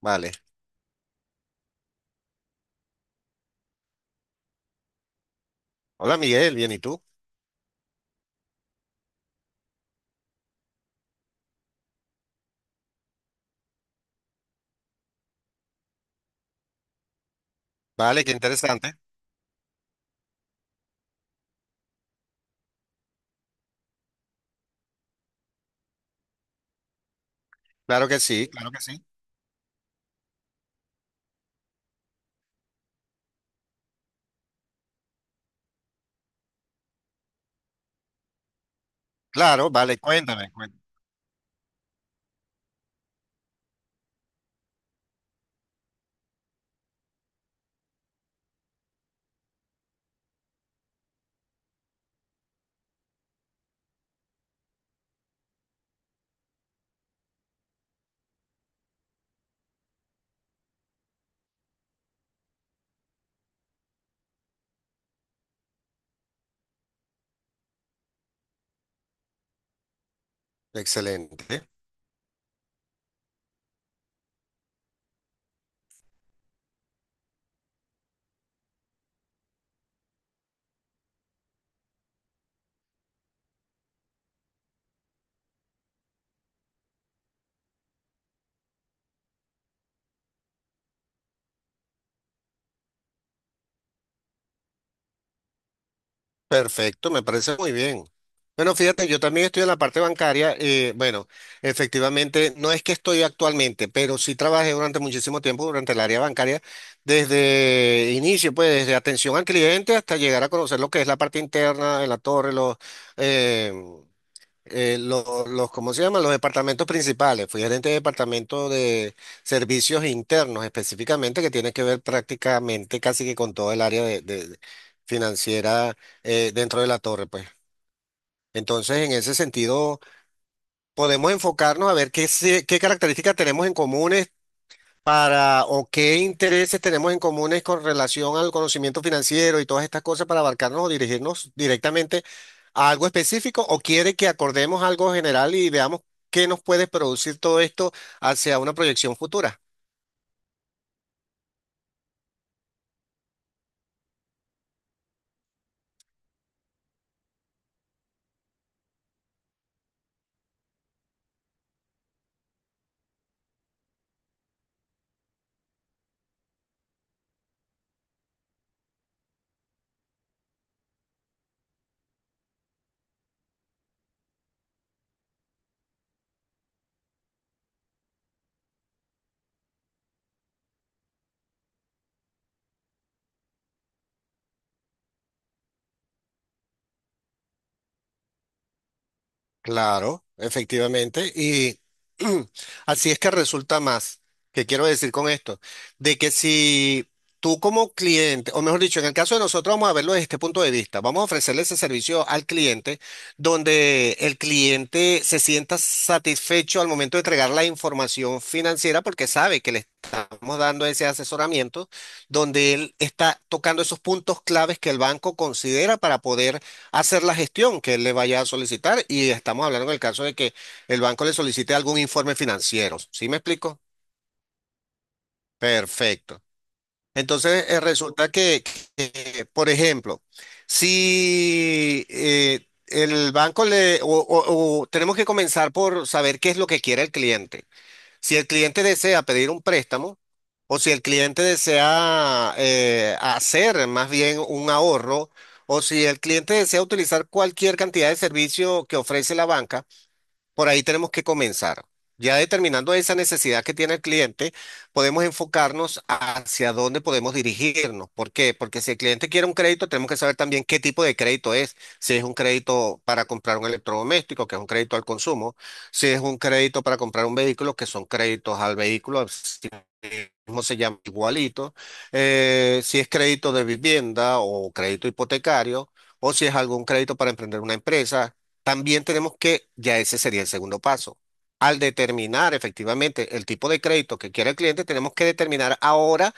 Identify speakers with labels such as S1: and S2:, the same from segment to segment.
S1: Vale. Hola Miguel, bien, ¿y tú? Vale, qué interesante. Claro que sí, claro que sí. Claro, vale, cuéntame, cuéntame. Excelente. Perfecto, me parece muy bien. Bueno, fíjate, yo también estoy en la parte bancaria. Bueno, efectivamente, no es que estoy actualmente, pero sí trabajé durante muchísimo tiempo durante el área bancaria, desde inicio, pues desde atención al cliente hasta llegar a conocer lo que es la parte interna de la torre, eh, los, ¿cómo se llaman? Los departamentos principales. Fui gerente de departamento de servicios internos específicamente, que tiene que ver prácticamente casi que con todo el área de financiera dentro de la torre, pues. Entonces, en ese sentido, podemos enfocarnos a ver qué características tenemos en común para o qué intereses tenemos en comunes con relación al conocimiento financiero y todas estas cosas para abarcarnos o dirigirnos directamente a algo específico o quiere que acordemos algo general y veamos qué nos puede producir todo esto hacia una proyección futura. Claro, efectivamente. Y así es que resulta más, que quiero decir con esto, de que si tú como cliente, o mejor dicho, en el caso de nosotros vamos a verlo desde este punto de vista, vamos a ofrecerle ese servicio al cliente donde el cliente se sienta satisfecho al momento de entregar la información financiera porque sabe que le estamos dando ese asesoramiento donde él está tocando esos puntos claves que el banco considera para poder hacer la gestión que él le vaya a solicitar y estamos hablando en el caso de que el banco le solicite algún informe financiero. ¿Sí me explico? Perfecto. Entonces, resulta que, por ejemplo, si el banco le, o tenemos que comenzar por saber qué es lo que quiere el cliente. Si el cliente desea pedir un préstamo o si el cliente desea hacer más bien un ahorro o si el cliente desea utilizar cualquier cantidad de servicio que ofrece la banca, por ahí tenemos que comenzar. Ya determinando esa necesidad que tiene el cliente, podemos enfocarnos hacia dónde podemos dirigirnos. ¿Por qué? Porque si el cliente quiere un crédito, tenemos que saber también qué tipo de crédito es. Si es un crédito para comprar un electrodoméstico, que es un crédito al consumo. Si es un crédito para comprar un vehículo, que son créditos al vehículo, mismo se llama igualito, si es crédito de vivienda o crédito hipotecario o si es algún crédito para emprender una empresa, también tenemos que, ya ese sería el segundo paso. Al determinar efectivamente el tipo de crédito que quiere el cliente, tenemos que determinar ahora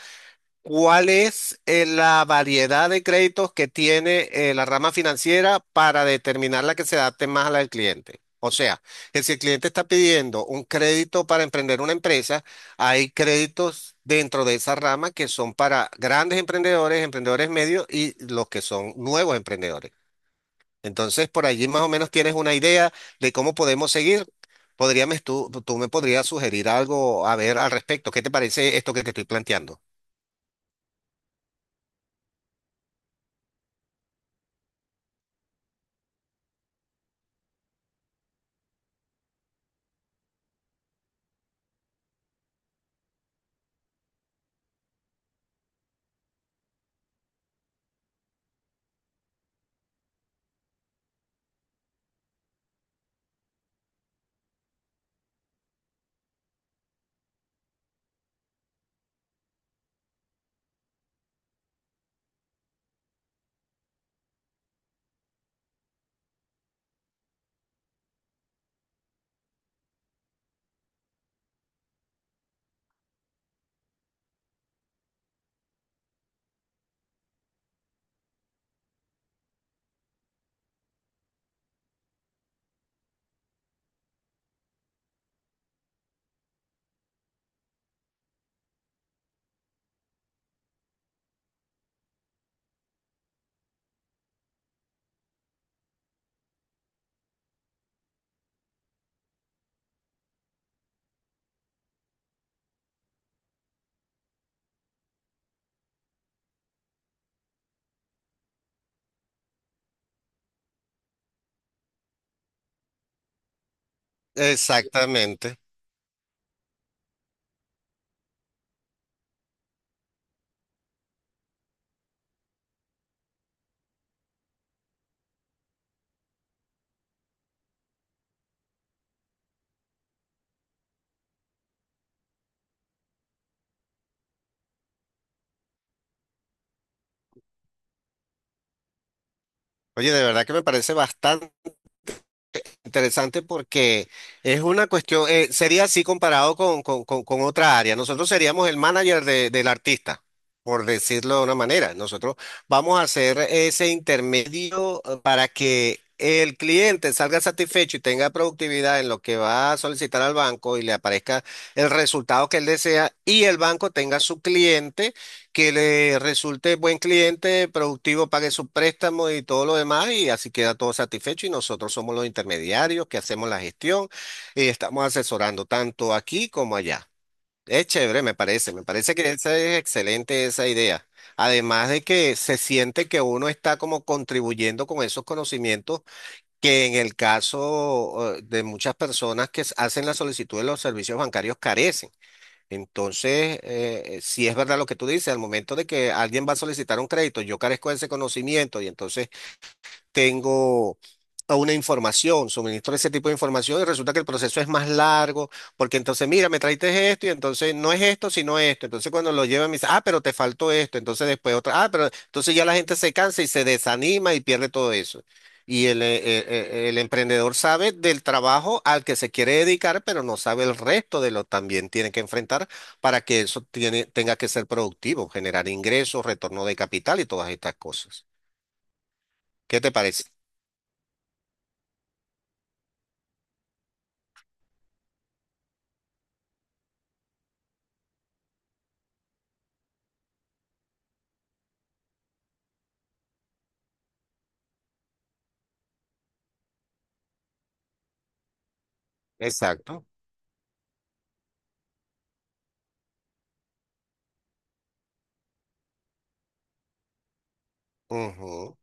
S1: ¿cuál es la variedad de créditos que tiene la rama financiera para determinar la que se adapte más a la del cliente? O sea, que si el cliente está pidiendo un crédito para emprender una empresa, hay créditos dentro de esa rama que son para grandes emprendedores, emprendedores medios y los que son nuevos emprendedores. Entonces, por allí más o menos tienes una idea de cómo podemos seguir. Tú me podrías sugerir algo a ver al respecto. ¿Qué te parece esto que te estoy planteando? Exactamente. Oye, de verdad que me parece bastante interesante porque es una cuestión, sería así comparado con otra área. Nosotros seríamos el manager del artista, por decirlo de una manera. Nosotros vamos a hacer ese intermedio para que el cliente salga satisfecho y tenga productividad en lo que va a solicitar al banco y le aparezca el resultado que él desea y el banco tenga su cliente, que le resulte buen cliente, productivo, pague sus préstamos y todo lo demás, y así queda todo satisfecho. Y nosotros somos los intermediarios que hacemos la gestión y estamos asesorando tanto aquí como allá. Es chévere, me parece que esa es excelente esa idea. Además de que se siente que uno está como contribuyendo con esos conocimientos que en el caso de muchas personas que s- hacen la solicitud de los servicios bancarios carecen. Entonces, si es verdad lo que tú dices, al momento de que alguien va a solicitar un crédito, yo carezco de ese conocimiento y entonces tengo a una información, suministro ese tipo de información y resulta que el proceso es más largo, porque entonces, mira, me traiste esto y entonces no es esto, sino esto. Entonces cuando lo llevan me dice, ah, pero te faltó esto, entonces después otra, ah, pero entonces ya la gente se cansa y se desanima y pierde todo eso. Y el emprendedor sabe del trabajo al que se quiere dedicar, pero no sabe el resto de lo también tiene que enfrentar para que eso tenga que ser productivo, generar ingresos, retorno de capital y todas estas cosas. ¿Qué te parece? Exacto. Ujú.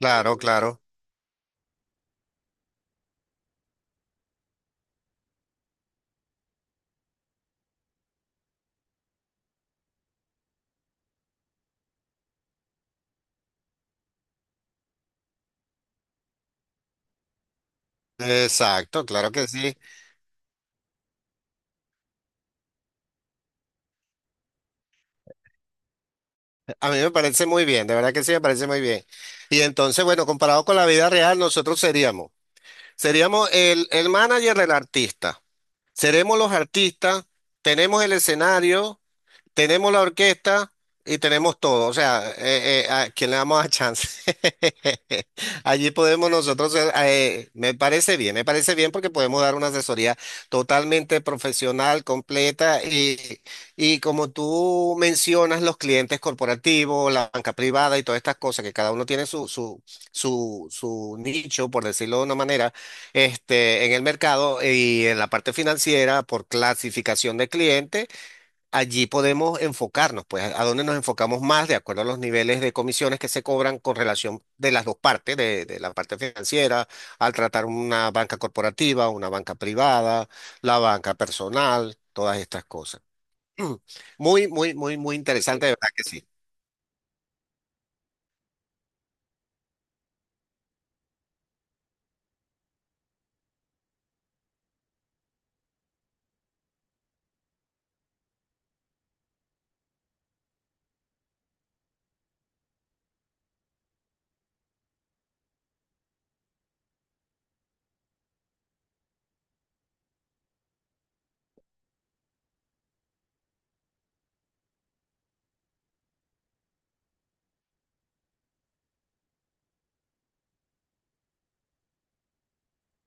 S1: Claro, claro. Exacto, claro que sí. A mí me parece muy bien, de verdad que sí me parece muy bien. Y entonces, bueno, comparado con la vida real, seríamos el manager del artista. Seremos los artistas, tenemos el escenario, tenemos la orquesta y tenemos todo. O sea, ¿a quién le damos a chance? Allí podemos nosotros, me parece bien porque podemos dar una asesoría totalmente profesional, completa y como tú mencionas, los clientes corporativos, la banca privada y todas estas cosas, que cada uno tiene su nicho, por decirlo de una manera, este, en el mercado y en la parte financiera por clasificación de clientes allí podemos enfocarnos, pues a dónde nos enfocamos más de acuerdo a los niveles de comisiones que se cobran con relación de las dos partes, de la parte financiera, al tratar una banca corporativa, una banca privada, la banca personal, todas estas cosas. Muy, muy, muy, muy interesante, de verdad que sí.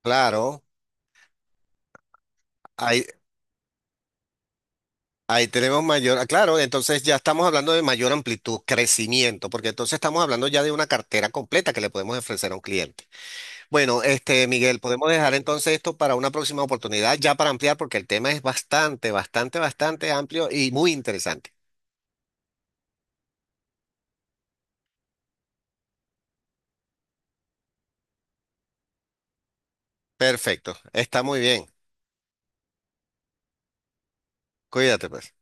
S1: Claro, ahí, ahí tenemos mayor, ah, claro, entonces ya estamos hablando de mayor amplitud, crecimiento, porque entonces estamos hablando ya de una cartera completa que le podemos ofrecer a un cliente. Bueno, este, Miguel, podemos dejar entonces esto para una próxima oportunidad, ya para ampliar, porque el tema es bastante, bastante, bastante amplio y muy interesante. Perfecto, está muy bien. Cuídate, pues.